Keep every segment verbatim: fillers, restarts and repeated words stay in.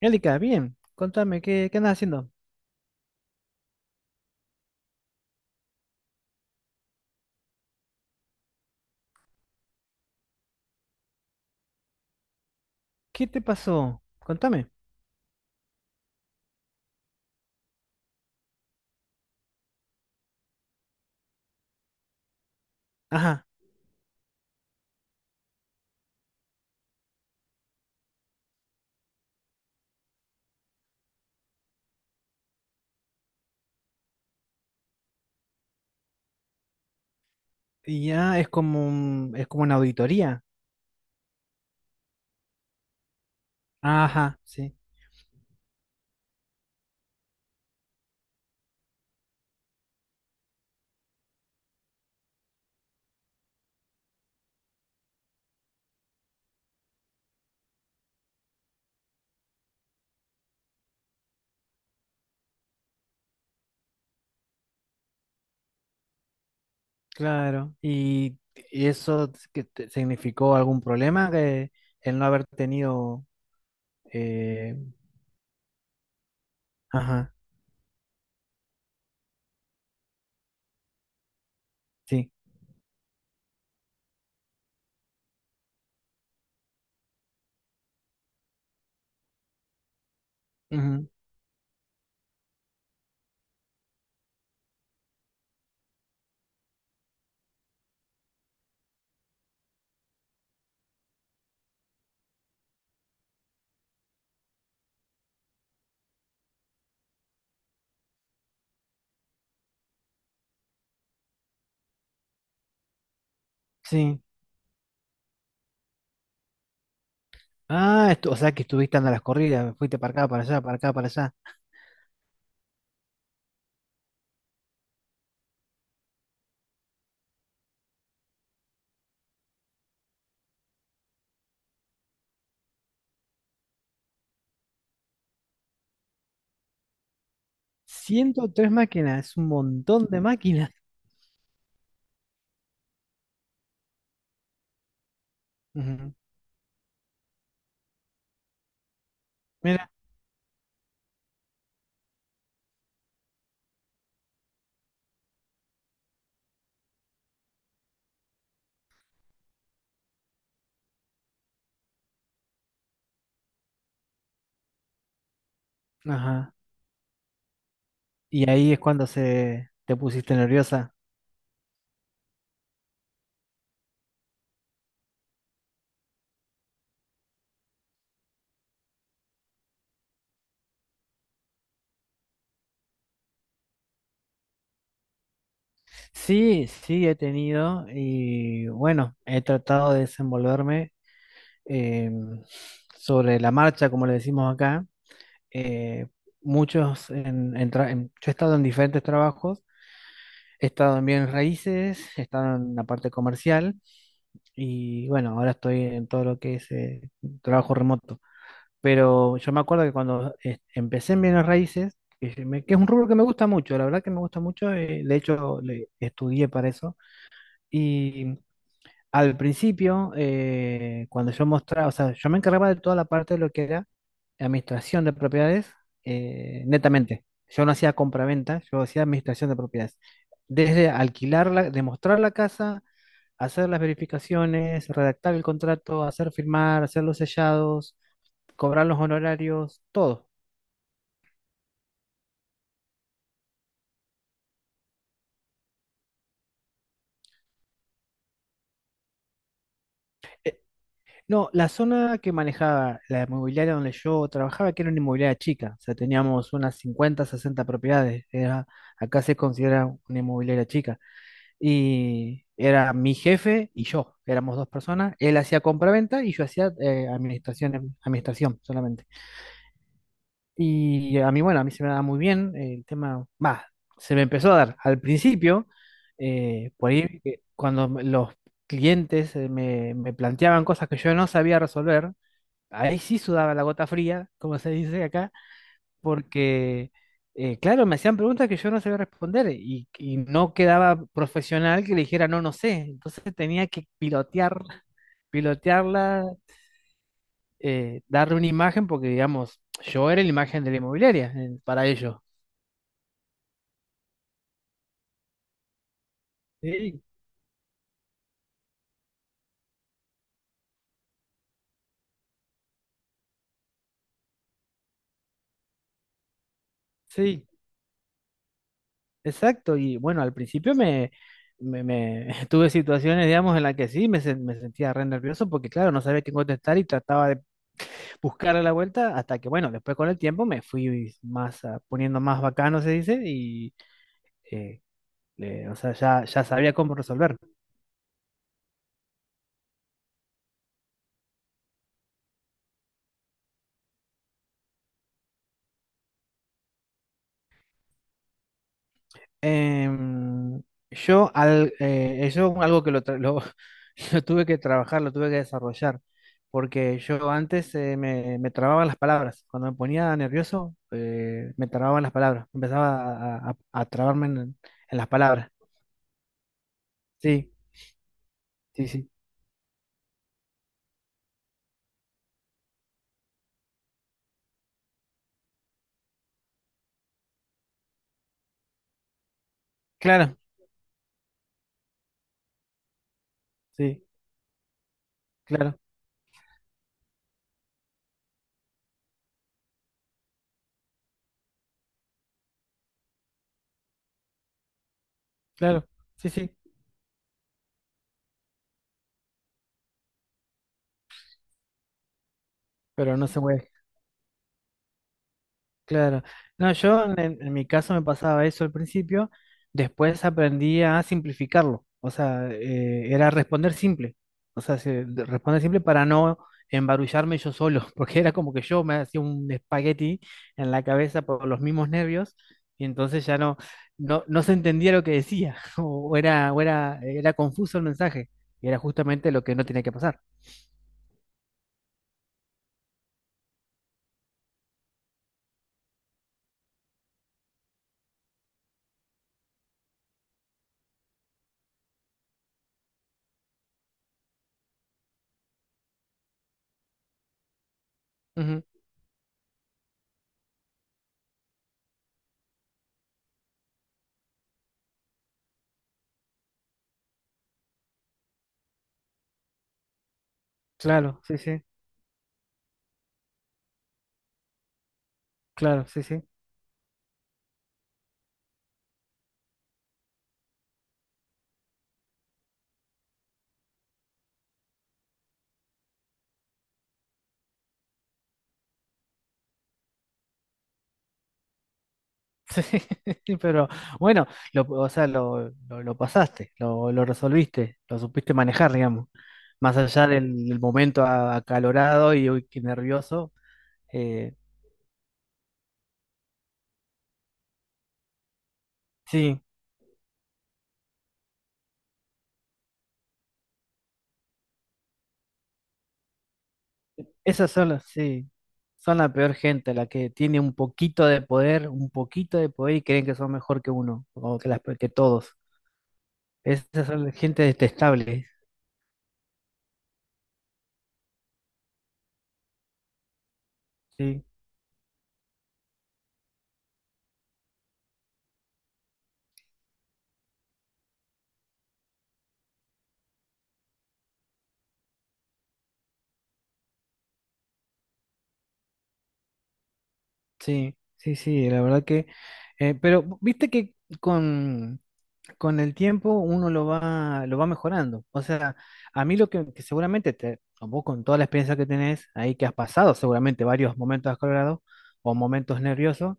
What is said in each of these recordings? Angélica, bien, contame, ¿qué, qué andas haciendo? ¿Qué te pasó? Contame. Ajá, y ya es como un- es como una auditoría. Ajá, sí, claro. ¿Y, y eso que te- significó algún problema que el no haber tenido eh, ajá, sí. Ujú, sí. Ah, estu- o sea que estuviste andando a las corridas, fuiste para acá, para allá, para acá, para allá. Ciento tres máquinas, es un montón de máquinas. Ujú, mira, ajá. Y ahí es cuando se te pusiste nerviosa. Sí, sí, he tenido y bueno, he tratado de desenvolverme eh, sobre la marcha, como le decimos acá. Eh, muchos, en, en tra- en- Yo he estado en diferentes trabajos, he estado en bienes raíces, he estado en la parte comercial y bueno, ahora estoy en todo lo que es eh, trabajo remoto. Pero yo me acuerdo que cuando eh, empecé en bienes raíces, que, se me- que es un rubro que me gusta mucho, la verdad que me gusta mucho, eh, de hecho le- estudié para eso. Y al principio, eh, cuando yo mostraba, o sea, yo me encargaba de toda la parte de lo que era administración de propiedades, eh, netamente. Yo no hacía compraventa, yo hacía administración de propiedades. Desde alquilarla, demostrar la casa, hacer las verificaciones, redactar el contrato, hacer firmar, hacer los sellados, cobrar los honorarios, todo. Eh, No, la zona que manejaba la inmobiliaria donde yo trabajaba, que era una inmobiliaria chica, o sea, teníamos unas cincuenta, sesenta propiedades, era, acá se considera una inmobiliaria chica, y era mi jefe y yo, éramos dos personas, él hacía compraventa y yo hacía eh, administración, administración solamente. Y a mí, bueno, a mí se me daba muy bien eh, el tema, más, se me empezó a dar al principio, eh, por ahí eh, cuando me- los clientes eh, me, me planteaban cosas que yo no sabía resolver, ahí sí sudaba la gota fría, como se dice acá, porque, eh, claro, me hacían preguntas que yo no sabía responder y, y no quedaba profesional que le dijera no, no sé. Entonces tenía que pilotear, pilotearla, eh, darle una imagen, porque, digamos, yo era la imagen de la inmobiliaria, eh, para ellos. Sí, sí, exacto. Y bueno, al principio me, me, me- tuve situaciones, digamos, en las que sí me, sen- me sentía re nervioso porque, claro, no sabía qué contestar y trataba de buscar a la vuelta hasta que, bueno, después con el tiempo me fui más ah, poniendo más bacano, se dice, y eh, le- o sea, ya, ya sabía cómo resolver. Em, yo, al, eh, eso algo que lo, tra- lo, lo tuve que trabajar, lo tuve que desarrollar, porque yo antes eh, me, me trababan las palabras, cuando me ponía nervioso, eh, me trababan las palabras, empezaba a, a- a trabarme en, en las palabras. Sí, sí, sí, claro, sí, claro, claro, sí, sí, pero no se mueve. Claro. No, yo en, en mi caso me pasaba eso al principio, después aprendí a simplificarlo, o sea, eh, era responder simple, o sea, se- de- responder simple para no embarullarme yo solo, porque era como que yo me hacía un espagueti en la cabeza por los mismos nervios y entonces ya no, no, no se entendía lo que decía, o o era, o era, era confuso el mensaje, y era justamente lo que no tenía que pasar. Ujú, claro, sí, sí, claro, sí, sí. Sí, pero bueno, lo, o sea, lo, lo, lo pasaste, lo, lo resolviste, lo supiste manejar, digamos. Más allá del, del momento a- acalorado y uy, qué nervioso. eh, sí, esas son las, sí, son la peor gente, la que tiene un poquito de poder, un poquito de poder y creen que son mejor que uno, o que, las, que todos. Esas son la gente detestable. Sí, sí, sí, sí, la verdad que... eh, pero viste que con... con el tiempo uno lo va, lo va mejorando. O sea, a mí lo que, que seguramente, te, o vos con toda la experiencia que tenés ahí que has pasado, seguramente varios momentos acalorados o momentos nerviosos,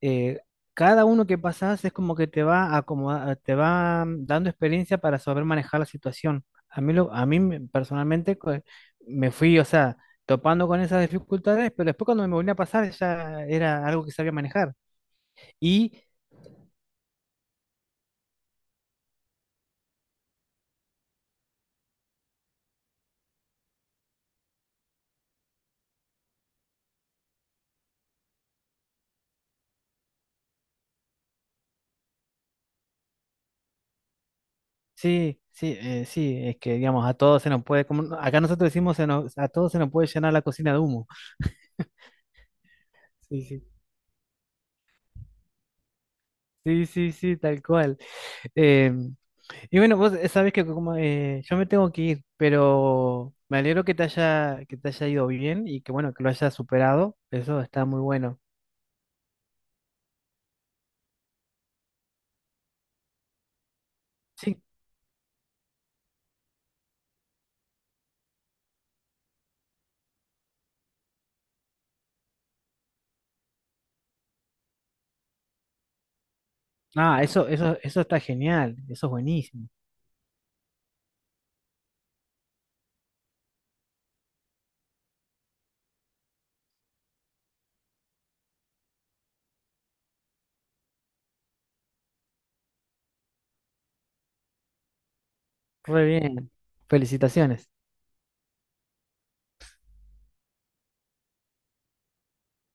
eh, cada uno que pasás es como que te va acomoda- te va mm, dando experiencia para saber manejar la situación. A mí, lo, a mí me- personalmente co- me fui, o sea, topando con esas dificultades, pero después cuando me volví a pasar ya era algo que sabía manejar. Y sí, sí, eh, sí, es que digamos, a todos se nos puede, como no- acá nosotros decimos, se nos- a todos se nos puede llenar la cocina de humo. Sí, sí, sí, sí, sí, tal cual. Eh, y bueno, vos eh, sabés que como eh, yo me tengo que ir, pero me alegro que te haya, que te haya ido bien y que bueno, que lo hayas superado. Eso está muy bueno. Sí, ah, eso, eso, eso está genial, eso es buenísimo. Muy bien. Felicitaciones.